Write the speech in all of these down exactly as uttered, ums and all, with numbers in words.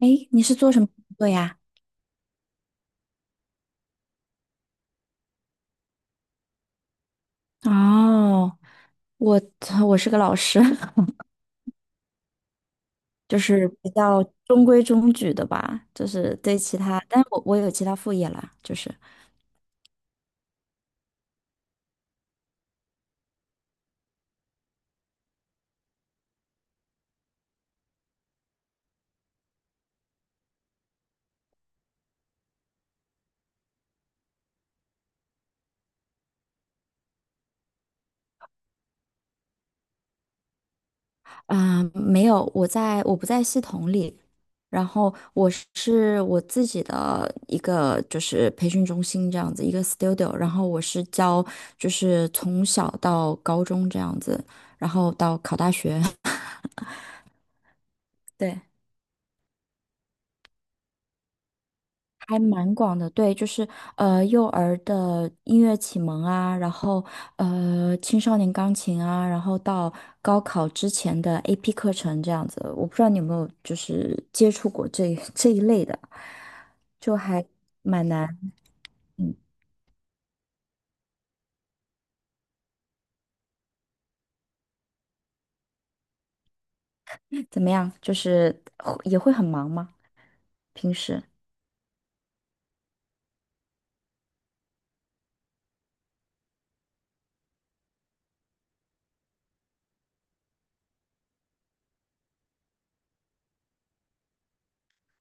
诶，你是做什么工作呀？哦，我我是个老师，就是比较中规中矩的吧，就是对其他，但是我我有其他副业啦，就是啊、呃没有，我在我不在系统里，然后我是我自己的一个就是培训中心这样子一个 studio，然后我是教就是从小到高中这样子，然后到考大学，对。还蛮广的，对，就是呃幼儿的音乐启蒙啊，然后呃青少年钢琴啊，然后到高考之前的 A P 课程这样子，我不知道你有没有就是接触过这 这一类的，就还蛮难，嗯，怎么样？就是会也会很忙吗？平时？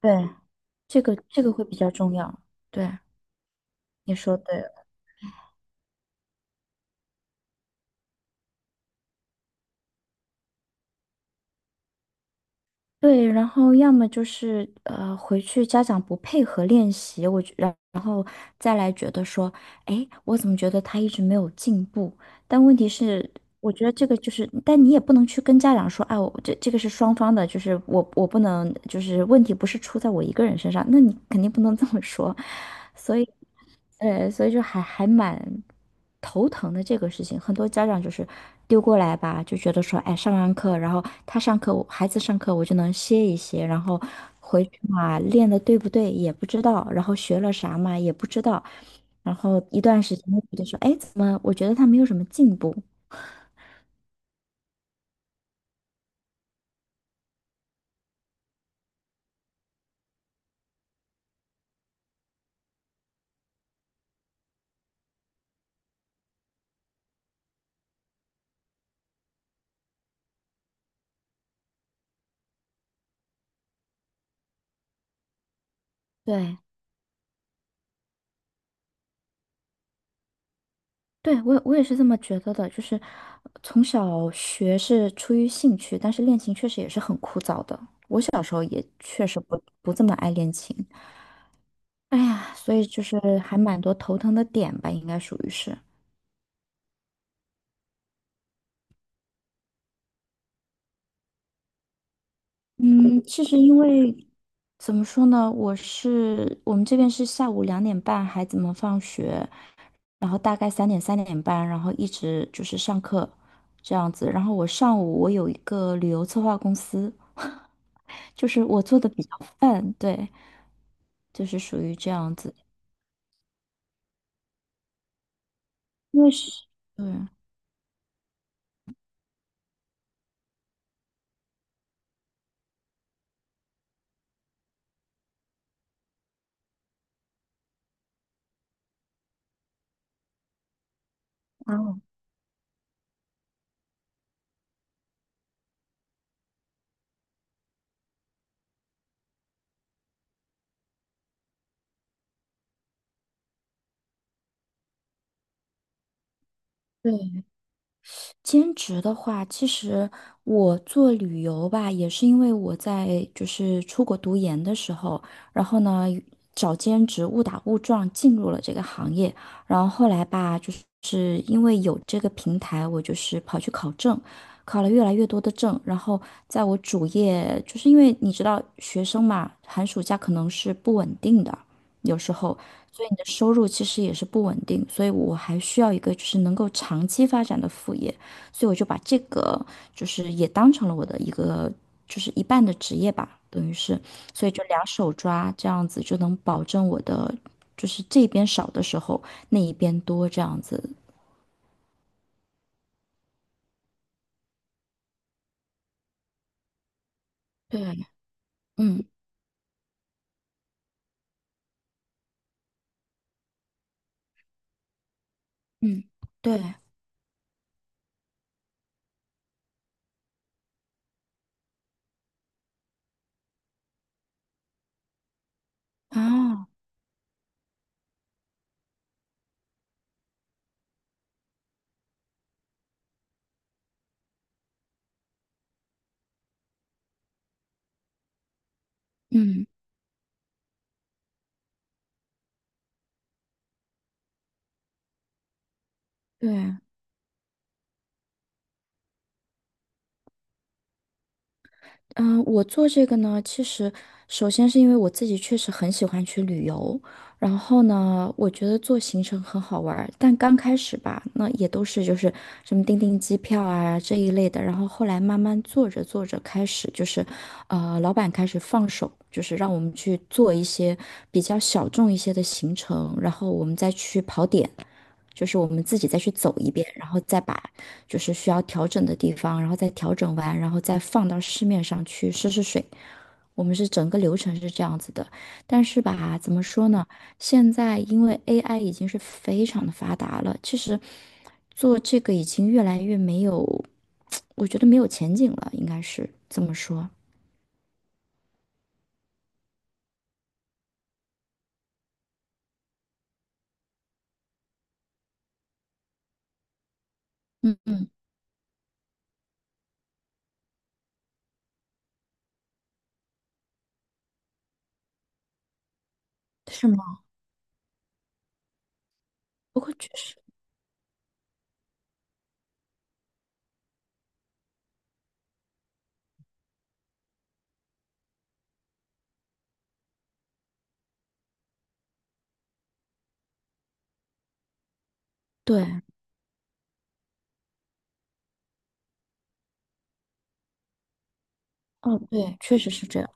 对，这个这个会比较重要，对，你说对。对，然后要么就是呃回去家长不配合练习，我觉然然后再来觉得说，哎，我怎么觉得他一直没有进步？但问题是，我觉得这个就是，但你也不能去跟家长说，啊，我这这个是双方的，就是我我不能，就是问题不是出在我一个人身上，那你肯定不能这么说，所以，呃，所以就还还蛮头疼的这个事情。很多家长就是丢过来吧，就觉得说，哎，上完课，然后他上课，我孩子上课，我就能歇一歇，然后回去嘛，练的对不对也不知道，然后学了啥嘛也不知道，然后一段时间就觉得说，哎，怎么我觉得他没有什么进步？对，对，我也我也是这么觉得的，就是呃从小学是出于兴趣，但是练琴确实也是很枯燥的。我小时候也确实不不这么爱练琴，哎呀，所以就是还蛮多头疼的点吧，应该属于是。嗯，其实因为怎么说呢，我是我们这边是下午两点半孩子们放学，然后大概三点三点半，然后一直就是上课这样子。然后我上午我有一个旅游策划公司。就是我做的比较 泛，对，就是属于这样子。因为是，对，啊，对，兼职的话，其实我做旅游吧，也是因为我在就是出国读研的时候，然后呢找兼职，误打误撞进入了这个行业，然后后来吧，就是因为有这个平台，我就是跑去考证，考了越来越多的证，然后在我主业，就是因为你知道学生嘛，寒暑假可能是不稳定的，有时候。所以你的收入其实也是不稳定，所以我还需要一个就是能够长期发展的副业。所以我就把这个就是也当成了我的一个就是一半的职业吧，等于是，所以就两手抓这样子就能保证我的就是这边少的时候那一边多这样子。对，嗯嗯，对啊，嗯对。嗯，呃我做这个呢，其实首先是因为我自己确实很喜欢去旅游，然后呢，我觉得做行程很好玩儿但刚开始吧，那也都是就是什么订订机票啊这一类的，然后后来慢慢做着做着开始就是，呃，老板开始放手，就是让我们去做一些比较小众一些的行程，然后我们再去跑点，就是我们自己再去走一遍，然后再把。就是需要调整的地方，然后再调整完，然后再放到市面上去试试水。我们是整个流程是这样子的，但是吧，怎么说呢？现在因为 A I 已经是非常的发达了，其实做这个已经越来越没有，我觉得没有前景了，应该是这么说。嗯，是吗？不过确实，对，哦，对，确实是这样。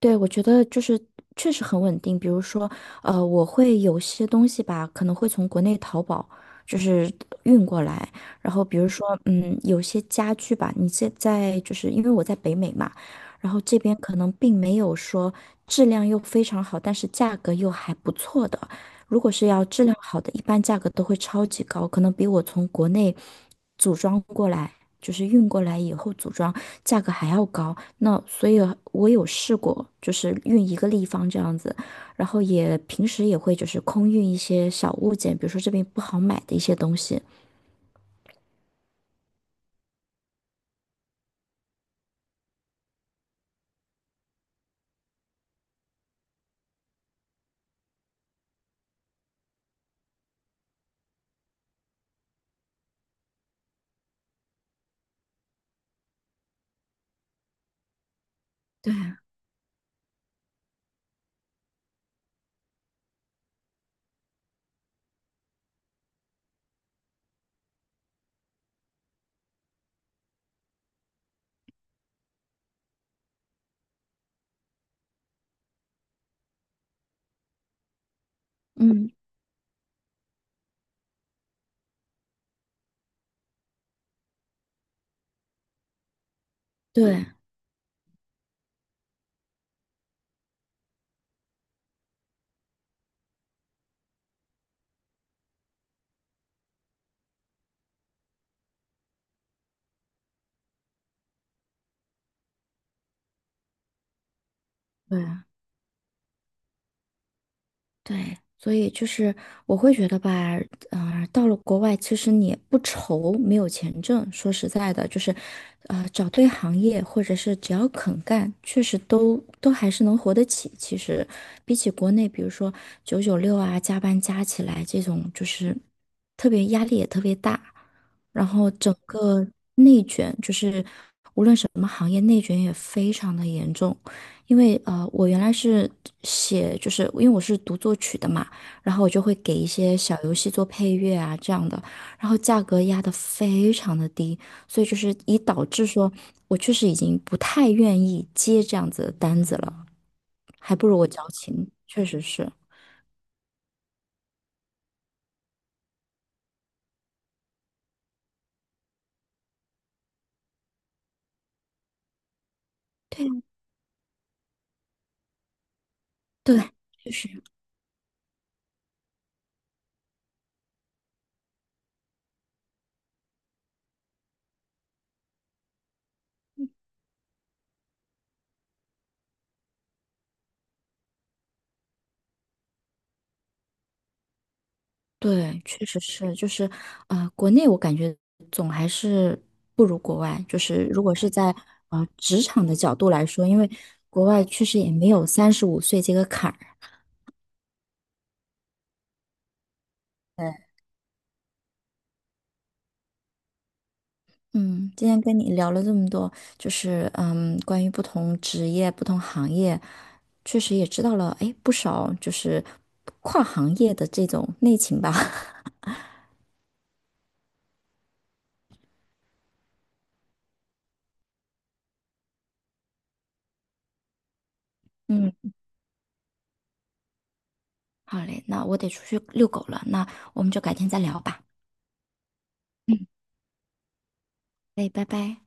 对，我觉得就是确实很稳定。比如说，呃，我会有些东西吧，可能会从国内淘宝就是呃运过来。然后比如说，嗯，有些家具吧，你现在就是因为我在北美嘛，然后这边可能并没有说质量又非常好，但是价格又还不错的。如果是要质量好的，一般价格都会超级高，可能比我从国内组装过来。就是运过来以后组装，价格还要高。那所以我有试过，就是运一个立方这样子，然后也平时也会就是空运一些小物件，比如说这边不好买的一些东西。对，嗯，对对。对，所以就是我会觉得吧，呃，到了国外，其实你不愁没有钱挣。说实在的，就是，呃，找对行业，或者是只要肯干，确实都都还是能活得起。其实，比起国内，比如说九九六啊，加班加起来这种，就是特别压力也特别大，然后整个内卷，就是无论什么行业，内卷也非常的严重。因为呃，我原来是写，就是因为我是读作曲的嘛，然后我就会给一些小游戏做配乐啊这样的，然后价格压得非常的低，所以就是以导致说我确实已经不太愿意接这样子的单子了，还不如我矫情，确实是，对对，确实。对，确实是，就是呃，国内我感觉总还是不如国外。就是如果是在呃职场的角度来说，因为国外确实也没有三十五岁这个坎儿。对，嗯，今天跟你聊了这么多，就是嗯，关于不同职业、不同行业，确实也知道了哎不少，就是跨行业的这种内情吧。嗯，好嘞，那我得出去遛狗了，那我们就改天再聊吧。哎，拜拜。